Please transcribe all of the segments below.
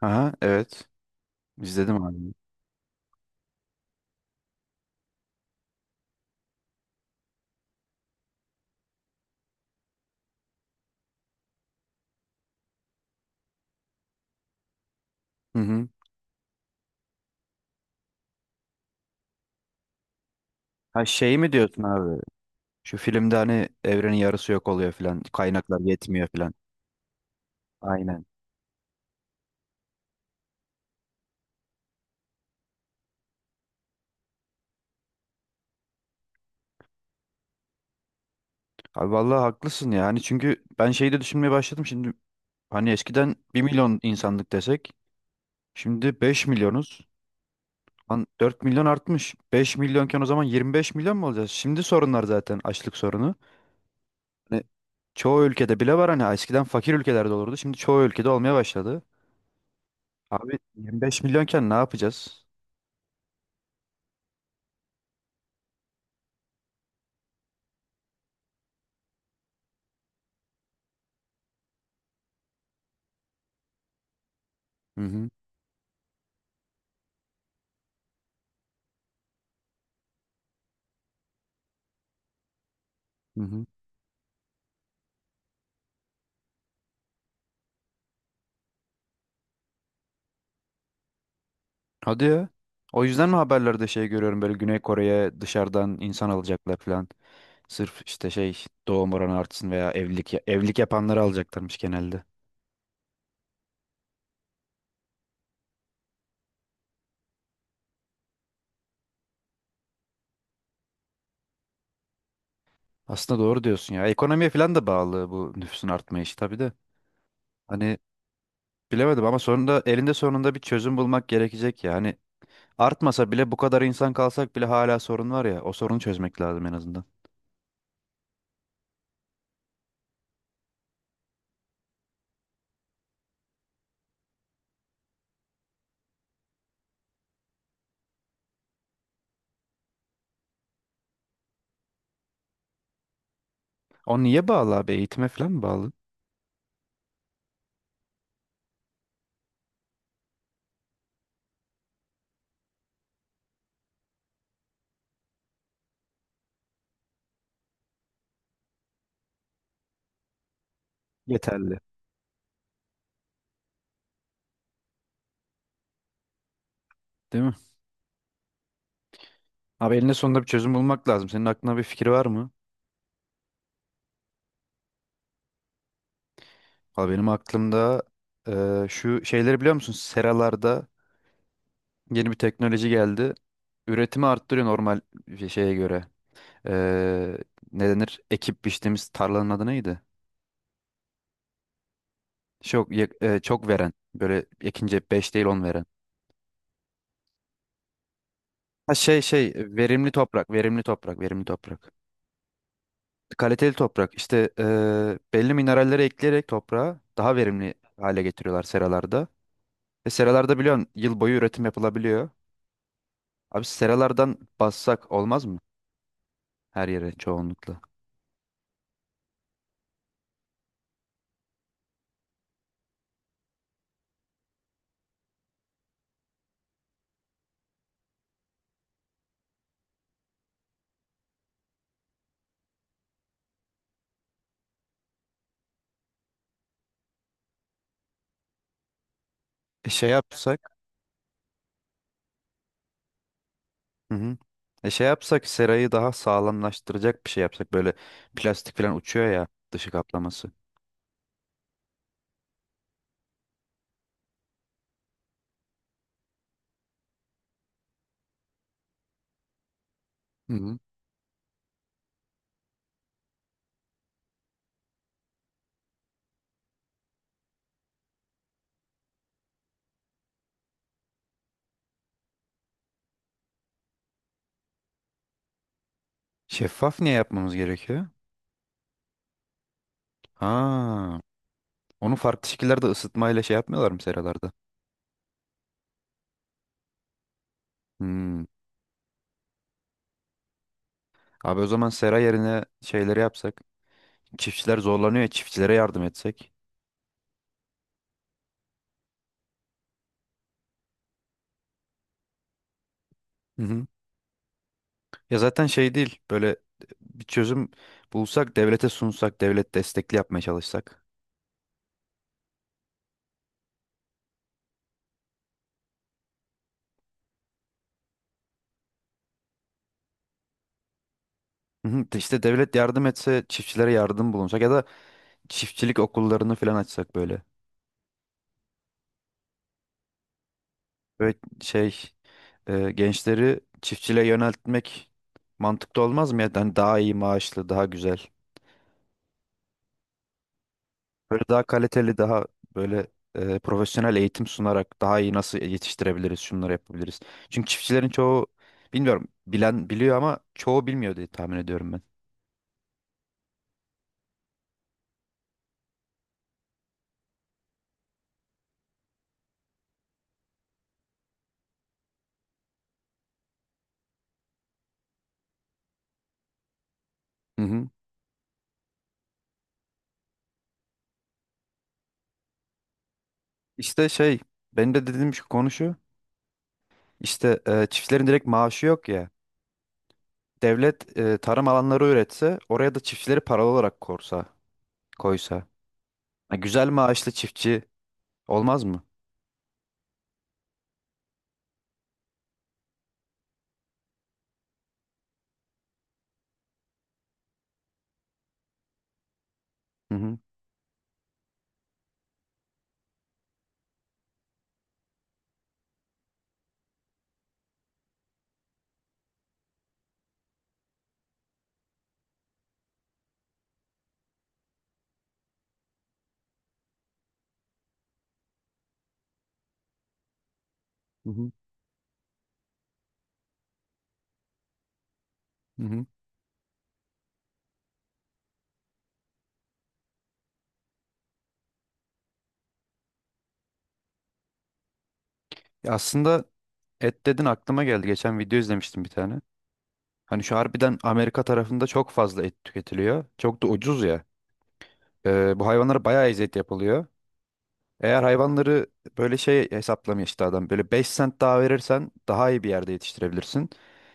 Aha, evet. İzledim abi. Hı hı. Ha şey mi diyorsun abi? Şu filmde hani evrenin yarısı yok oluyor filan. Kaynaklar yetmiyor filan. Aynen. Abi vallahi haklısın ya. Hani çünkü ben şeyi de düşünmeye başladım şimdi. Hani eskiden 1 milyon insanlık desek. Şimdi 5 milyonuz. Lan 4 milyon artmış. Beş milyonken o zaman 25 milyon mu olacağız? Şimdi sorunlar zaten açlık sorunu. Hani çoğu ülkede bile var, hani eskiden fakir ülkelerde olurdu. Şimdi çoğu ülkede olmaya başladı. Abi 25 milyonken ne yapacağız? Hı hı. Hı hı. Hadi ya. O yüzden mi haberlerde şey görüyorum, böyle Güney Kore'ye dışarıdan insan alacaklar falan? Sırf işte şey doğum oranı artsın veya evlilik yapanları alacaklarmış genelde. Aslında doğru diyorsun ya. Ekonomiye falan da bağlı bu nüfusun artma işi tabii de. Hani bilemedim ama sonunda elinde sonunda bir çözüm bulmak gerekecek ya. Hani artmasa bile, bu kadar insan kalsak bile hala sorun var ya. O sorunu çözmek lazım en azından. O niye bağlı abi? Eğitime falan mı bağlı? Yeterli. Değil mi? Abi elinde sonunda bir çözüm bulmak lazım. Senin aklına bir fikir var mı? Valla benim aklımda şu şeyleri biliyor musun? Seralarda yeni bir teknoloji geldi. Üretimi arttırıyor normal bir şeye göre. Eee Ne denir? Ekip biçtiğimiz tarlanın adı neydi? Çok veren. Böyle ekince 5 değil 10 veren. Ha, şey verimli toprak, verimli toprak, verimli toprak. Kaliteli toprak. İşte belli mineralleri ekleyerek toprağa daha verimli hale getiriyorlar seralarda. Ve seralarda biliyorsun yıl boyu üretim yapılabiliyor. Abi seralardan bassak olmaz mı? Her yere çoğunlukla. E şey yapsak, hı hı. E şey yapsak serayı daha sağlamlaştıracak bir şey yapsak, böyle plastik falan uçuyor ya dışı kaplaması. Hı hı. Şeffaf niye yapmamız gerekiyor? Ha, onu farklı şekillerde ısıtmayla şey yapmıyorlar mı seralarda? Hmm. Abi o zaman sera yerine şeyleri yapsak. Çiftçiler zorlanıyor ya, çiftçilere yardım etsek. Hı hı. Ya zaten şey değil, böyle bir çözüm bulsak, devlete sunsak, devlet destekli yapmaya çalışsak. Hı hı. İşte devlet yardım etse, çiftçilere yardım bulunsak ya da çiftçilik okullarını falan açsak böyle. Ve şey, gençleri çiftçiliğe yöneltmek mantıklı olmaz mı? Yani hani daha iyi maaşlı, daha güzel. Böyle daha kaliteli, daha böyle profesyonel eğitim sunarak daha iyi nasıl yetiştirebiliriz, şunları yapabiliriz. Çünkü çiftçilerin çoğu, bilmiyorum, bilen biliyor ama çoğu bilmiyor diye tahmin ediyorum ben. Hı hı. İşte şey, benim de dediğim şu konu şu. İşte çiftçilerin direkt maaşı yok ya. Devlet tarım alanları üretse oraya da çiftçileri paralı olarak koysa. Ha, güzel, maaşlı çiftçi olmaz mı? Hı hı, hı hı, hı hı. Ya aslında et dedin aklıma geldi. Geçen video izlemiştim bir tane. Hani şu harbiden Amerika tarafında çok fazla et tüketiliyor. Çok da ucuz ya. Bu hayvanlara bayağı eziyet yapılıyor. Eğer hayvanları böyle şey hesaplamıyor işte adam. Böyle 5 sent daha verirsen daha iyi bir yerde yetiştirebilirsin.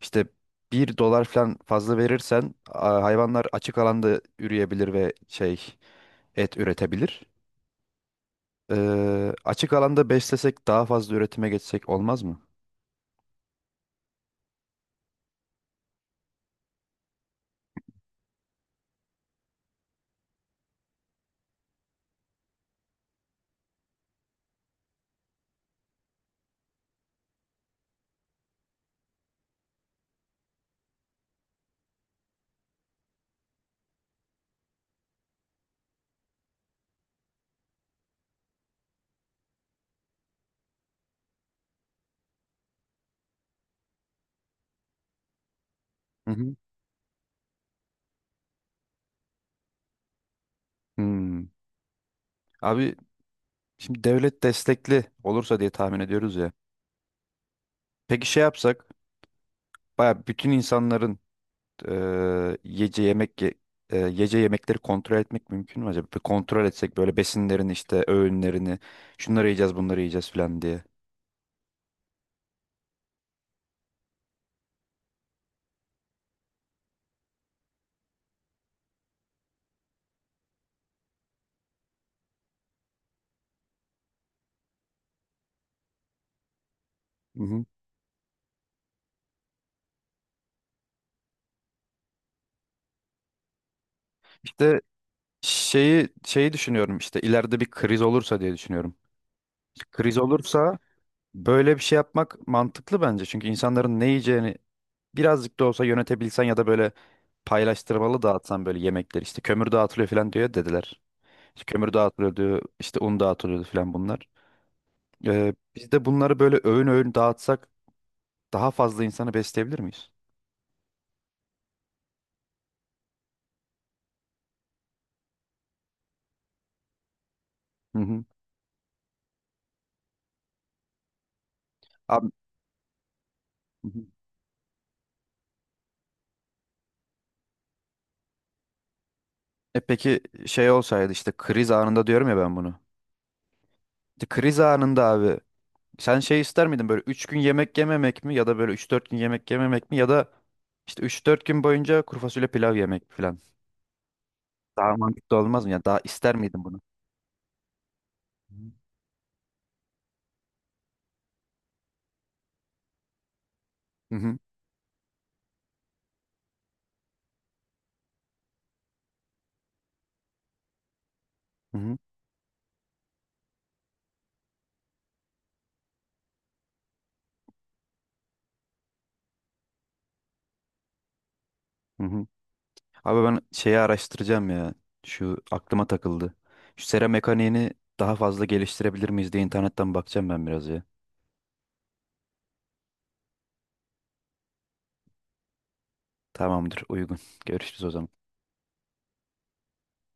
İşte 1 dolar falan fazla verirsen hayvanlar açık alanda üreyebilir ve şey et üretebilir. Açık alanda beslesek daha fazla üretime geçsek olmaz mı? Hı hı. Hmm. Abi şimdi devlet destekli olursa diye tahmin ediyoruz ya. Peki şey yapsak baya bütün insanların e, yiyece yemek ye- e, yiyece yemekleri kontrol etmek mümkün mü acaba? Bir kontrol etsek böyle besinlerini, işte öğünlerini, şunları yiyeceğiz bunları yiyeceğiz falan diye. Hı hı. İşte şeyi düşünüyorum, işte ileride bir kriz olursa diye düşünüyorum. Kriz olursa böyle bir şey yapmak mantıklı bence. Çünkü insanların ne yiyeceğini birazcık da olsa yönetebilsen ya da böyle paylaştırmalı dağıtsan böyle yemekleri, işte kömür dağıtılıyor falan diyor dediler. İşte kömür dağıtılıyor diyor, işte un dağıtılıyordu falan bunlar. Biz de bunları böyle öğün öğün dağıtsak daha fazla insanı besleyebilir miyiz? Hı hı. Abi, hı hı. E peki şey olsaydı, işte kriz anında diyorum ya ben bunu. İşte kriz anında abi, sen şey ister miydin, böyle 3 gün yemek yememek mi ya da böyle 3-4 gün yemek yememek mi ya da işte 3-4 gün boyunca kuru fasulye pilav yemek falan? Daha mantıklı olmaz mı? Yani daha ister miydin bunu? Hı hı. Hı hı. Hı hı. Abi ben şeyi araştıracağım ya. Şu aklıma takıldı. Şu sera mekaniğini daha fazla geliştirebilir miyiz diye internetten bakacağım ben biraz ya. Tamamdır, uygun. Görüşürüz o zaman.